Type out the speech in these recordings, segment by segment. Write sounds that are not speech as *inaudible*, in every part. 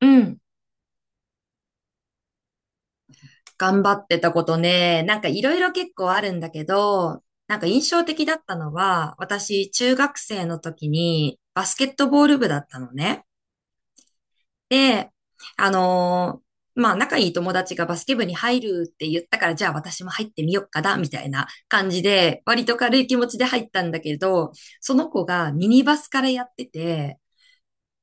うん。頑張ってたことね、いろいろ結構あるんだけど、なんか印象的だったのは、私、中学生の時にバスケットボール部だったのね。で、あのまあ、仲いい友達がバスケ部に入るって言ったから、じゃあ私も入ってみよっかな、みたいな感じで、割と軽い気持ちで入ったんだけど、その子がミニバスからやってて、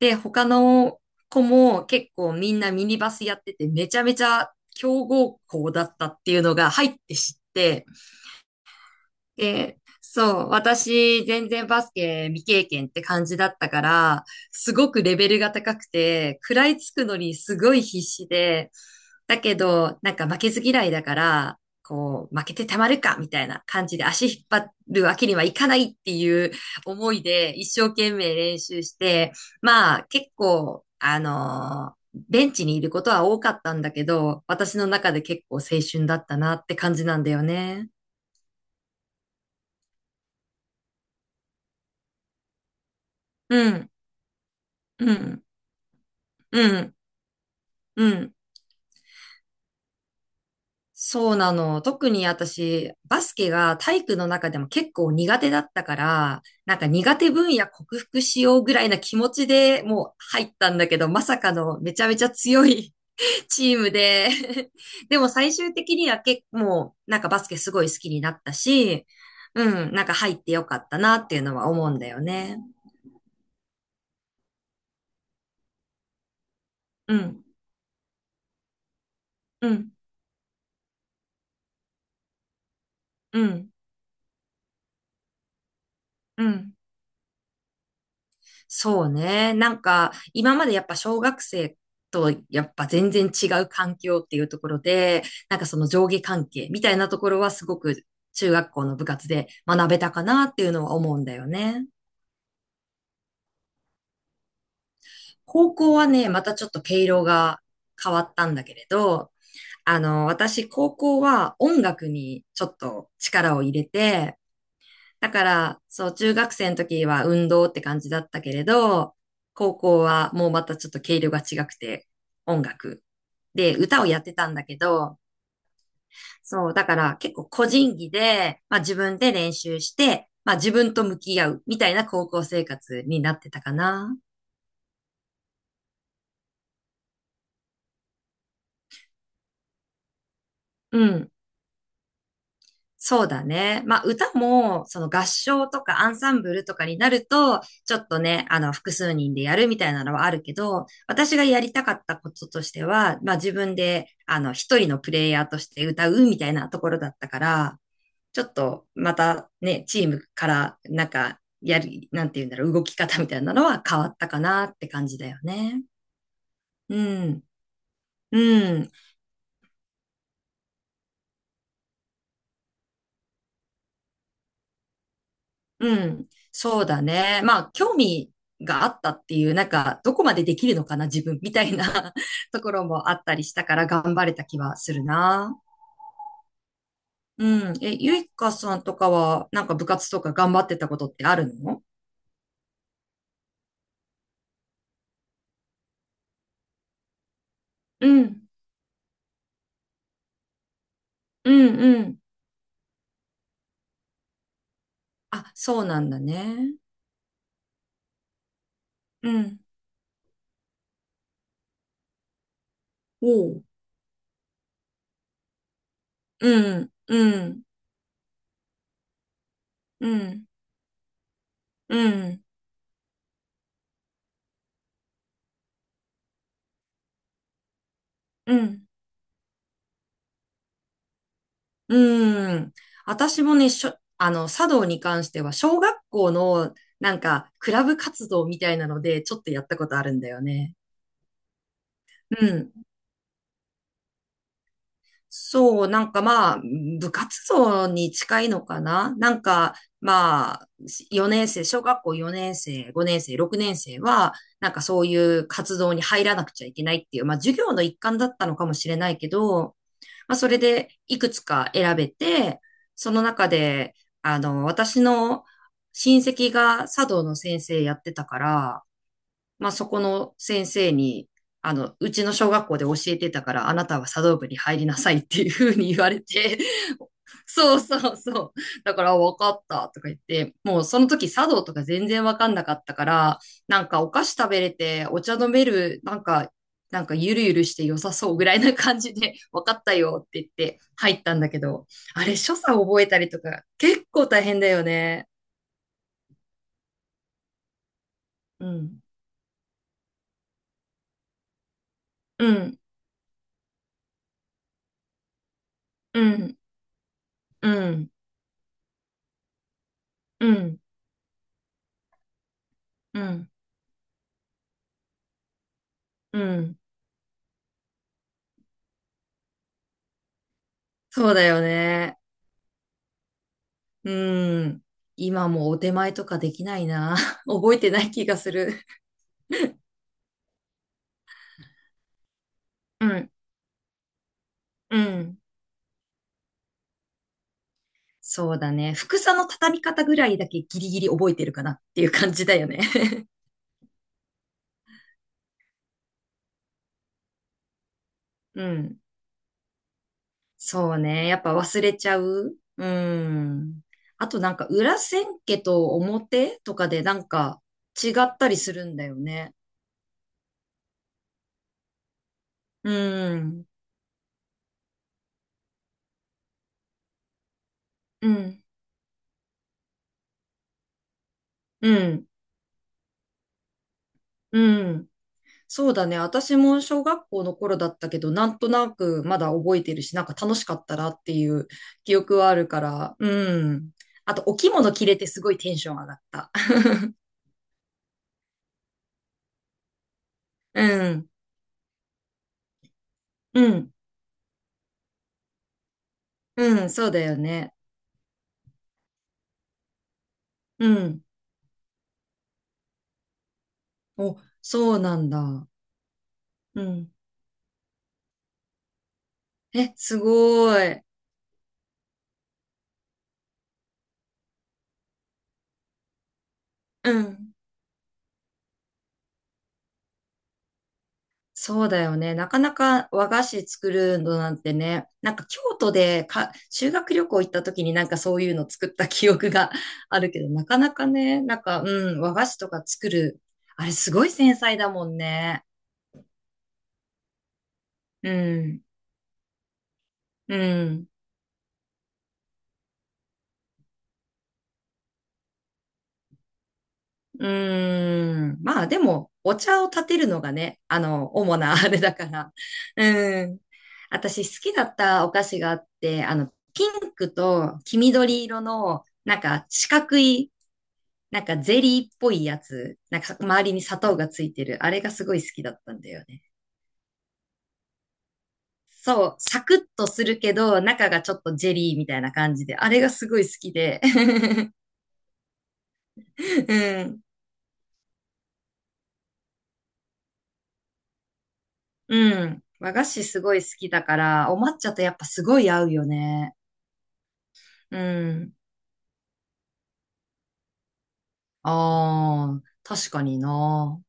で、他の子も結構みんなミニバスやってて、めちゃめちゃ強豪校だったっていうのが入って知って、で、そう、私、全然バスケ未経験って感じだったから、すごくレベルが高くて、食らいつくのにすごい必死で、だけど、なんか負けず嫌いだから、こう、負けてたまるかみたいな感じで足引っ張るわけにはいかないっていう思いで一生懸命練習して、まあ結構、ベンチにいることは多かったんだけど、私の中で結構青春だったなって感じなんだよね。うん、うん。うん、うん。そうなの。特に私、バスケが体育の中でも結構苦手だったから、なんか苦手分野克服しようぐらいな気持ちでもう入ったんだけど、まさかのめちゃめちゃ強い *laughs* チームで *laughs* でも最終的には結構、もうなんかバスケすごい好きになったし、うん、なんか入ってよかったなっていうのは思うんだよね。うん、うん、うん、うん。そうね。なんか、今までやっぱ小学生とやっぱ全然違う環境っていうところで、なんかその上下関係みたいなところはすごく中学校の部活で学べたかなっていうのは思うんだよね。高校はね、またちょっと毛色が変わったんだけれど、あの、私高校は音楽にちょっと力を入れて、だから、そう、中学生の時は運動って感じだったけれど、高校はもうまたちょっと毛色が違くて、音楽。で、歌をやってたんだけど、そう、だから結構個人技で、まあ自分で練習して、まあ自分と向き合うみたいな高校生活になってたかな。うん。そうだね。まあ、歌も、その合唱とかアンサンブルとかになると、ちょっとね、複数人でやるみたいなのはあるけど、私がやりたかったこととしては、まあ、自分で、一人のプレイヤーとして歌うみたいなところだったから、ちょっと、またね、チームから、なんか、なんていうんだろう、動き方みたいなのは変わったかなって感じだよね。うん。うん。うん。そうだね。まあ、興味があったっていう、なんか、どこまでできるのかな、自分みたいな *laughs* ところもあったりしたから、頑張れた気はするな。うん。え、ゆいかさんとかは、なんか部活とか頑張ってたことってあるの？うん。うんうん。あ、そうなんだね。うん。おう。うん。うん。うん。うん。うん。うんうーん。私もね、あの、茶道に関しては、小学校の、なんか、クラブ活動みたいなので、ちょっとやったことあるんだよね。うん。そう、なんかまあ、部活動に近いのかななんか、まあ、4年生、小学校4年生、5年生、6年生は、なんかそういう活動に入らなくちゃいけないっていう、まあ、授業の一環だったのかもしれないけど、まあ、それでいくつか選べて、その中で、あの、私の親戚が茶道の先生やってたから、まあ、そこの先生に、あの、うちの小学校で教えてたから、あなたは茶道部に入りなさいっていうふうに言われて、*laughs* そうそうそう。だから、あわかったとか言って、もうその時茶道とか全然わかんなかったから、なんかお菓子食べれて、お茶飲める、なんかゆるゆるして良さそうぐらいな感じで、*laughs* わかったよって言って入ったんだけど、あれ、所作覚えたりとか、結構大変だよね。うん。うん。うん。うん。うん。うん。うん。うん。そうだよね。うん。今もお手前とかできないな。*laughs* 覚えてない気がする。うん。うん。そうだね。服さの畳み方ぐらいだけギリギリ覚えてるかなっていう感じだよね。*laughs* うん。そうね。やっぱ忘れちゃう。うん。あとなんか裏千家と表とかでなんか違ったりするんだよね。うん。うん。うん。うん。そうだね。私も小学校の頃だったけど、なんとなくまだ覚えてるし、なんか楽しかったなっていう記憶はあるから、うん。あと、お着物着れてすごいテンション上がった。*laughs* うん。うん。うん。そうだよね。うん。お、そうなんだ。うん。え、すごい。うん。そうだよね。なかなか和菓子作るのなんてね、なんか京都でか修学旅行行った時になんかそういうの作った記憶が *laughs* あるけど、なかなかね、なんか、うん、和菓子とか作る。あれすごい繊細だもんね。うん、うん、うん。まあでも、お茶を立てるのがね、あの、主なあれだから。うん。私好きだったお菓子があって、あの、ピンクと黄緑色の、なんか四角い、なんかゼリーっぽいやつ、なんか周りに砂糖がついてる、あれがすごい好きだったんだよね。そう、サクッとするけど、中がちょっとジェリーみたいな感じで、あれがすごい好きで。*laughs* うん、うん。和菓子すごい好きだから、お抹茶とやっぱすごい合うよね。うん。ああ、確かにな。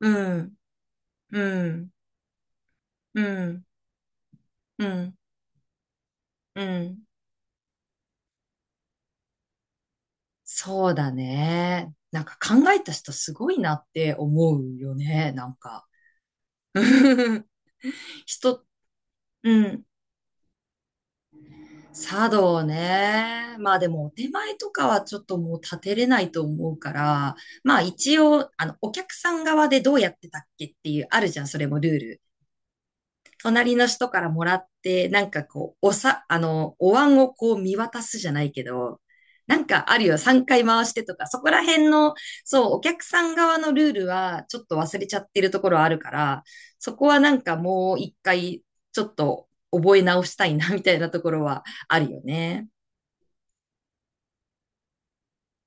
うん、うん、うん、うん、うん。そうだね。なんか考えた人すごいなって思うよね、なんか。*laughs* 人、うん。茶道ね。まあでも、お手前とかはちょっともう立てれないと思うから、まあ一応、あの、お客さん側でどうやってたっけっていう、あるじゃん、それもルール。隣の人からもらって、なんかこう、あの、お椀をこう見渡すじゃないけど、なんかあるよ、3回回してとか、そこら辺の、そう、お客さん側のルールはちょっと忘れちゃってるところあるから、そこはなんかもう一回、ちょっと覚え直したいな、みたいなところはあるよね。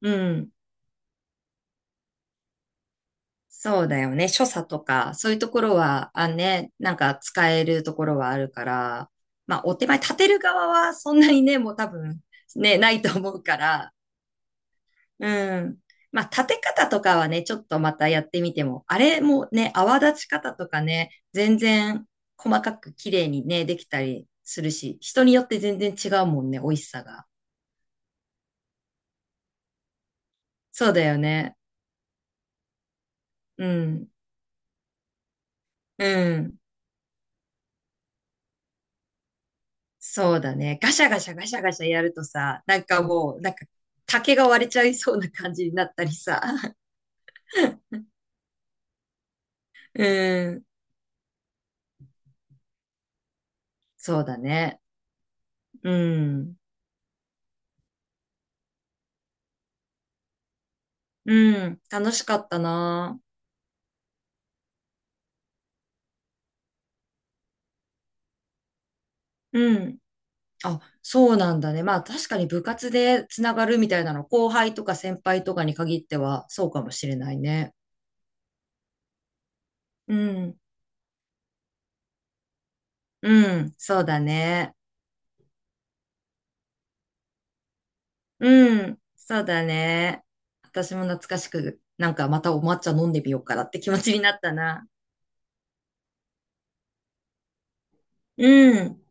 うん。そうだよね。所作とか、そういうところは、あね、なんか使えるところはあるから、まあ、お手前立てる側はそんなにね、もう多分、ね、ないと思うから、うん。まあ、立て方とかはね、ちょっとまたやってみても、あれもね、泡立ち方とかね、全然細かく綺麗にね、できたりするし、人によって全然違うもんね、美味しさが。そうだよね。うん。うん。そうだね。ガシャガシャガシャガシャやるとさ、なんかもう、なんか竹が割れちゃいそうな感じになったりさ。*laughs* うん。そうだね。うん。うん。楽しかったな。うん。あ、そうなんだね。まあ確かに部活でつながるみたいなの、後輩とか先輩とかに限ってはそうかもしれないね。うん。うん。そうだね。うん。そうだね。私も懐かしく、なんかまたお抹茶飲んでみようかなって気持ちになったな。うん。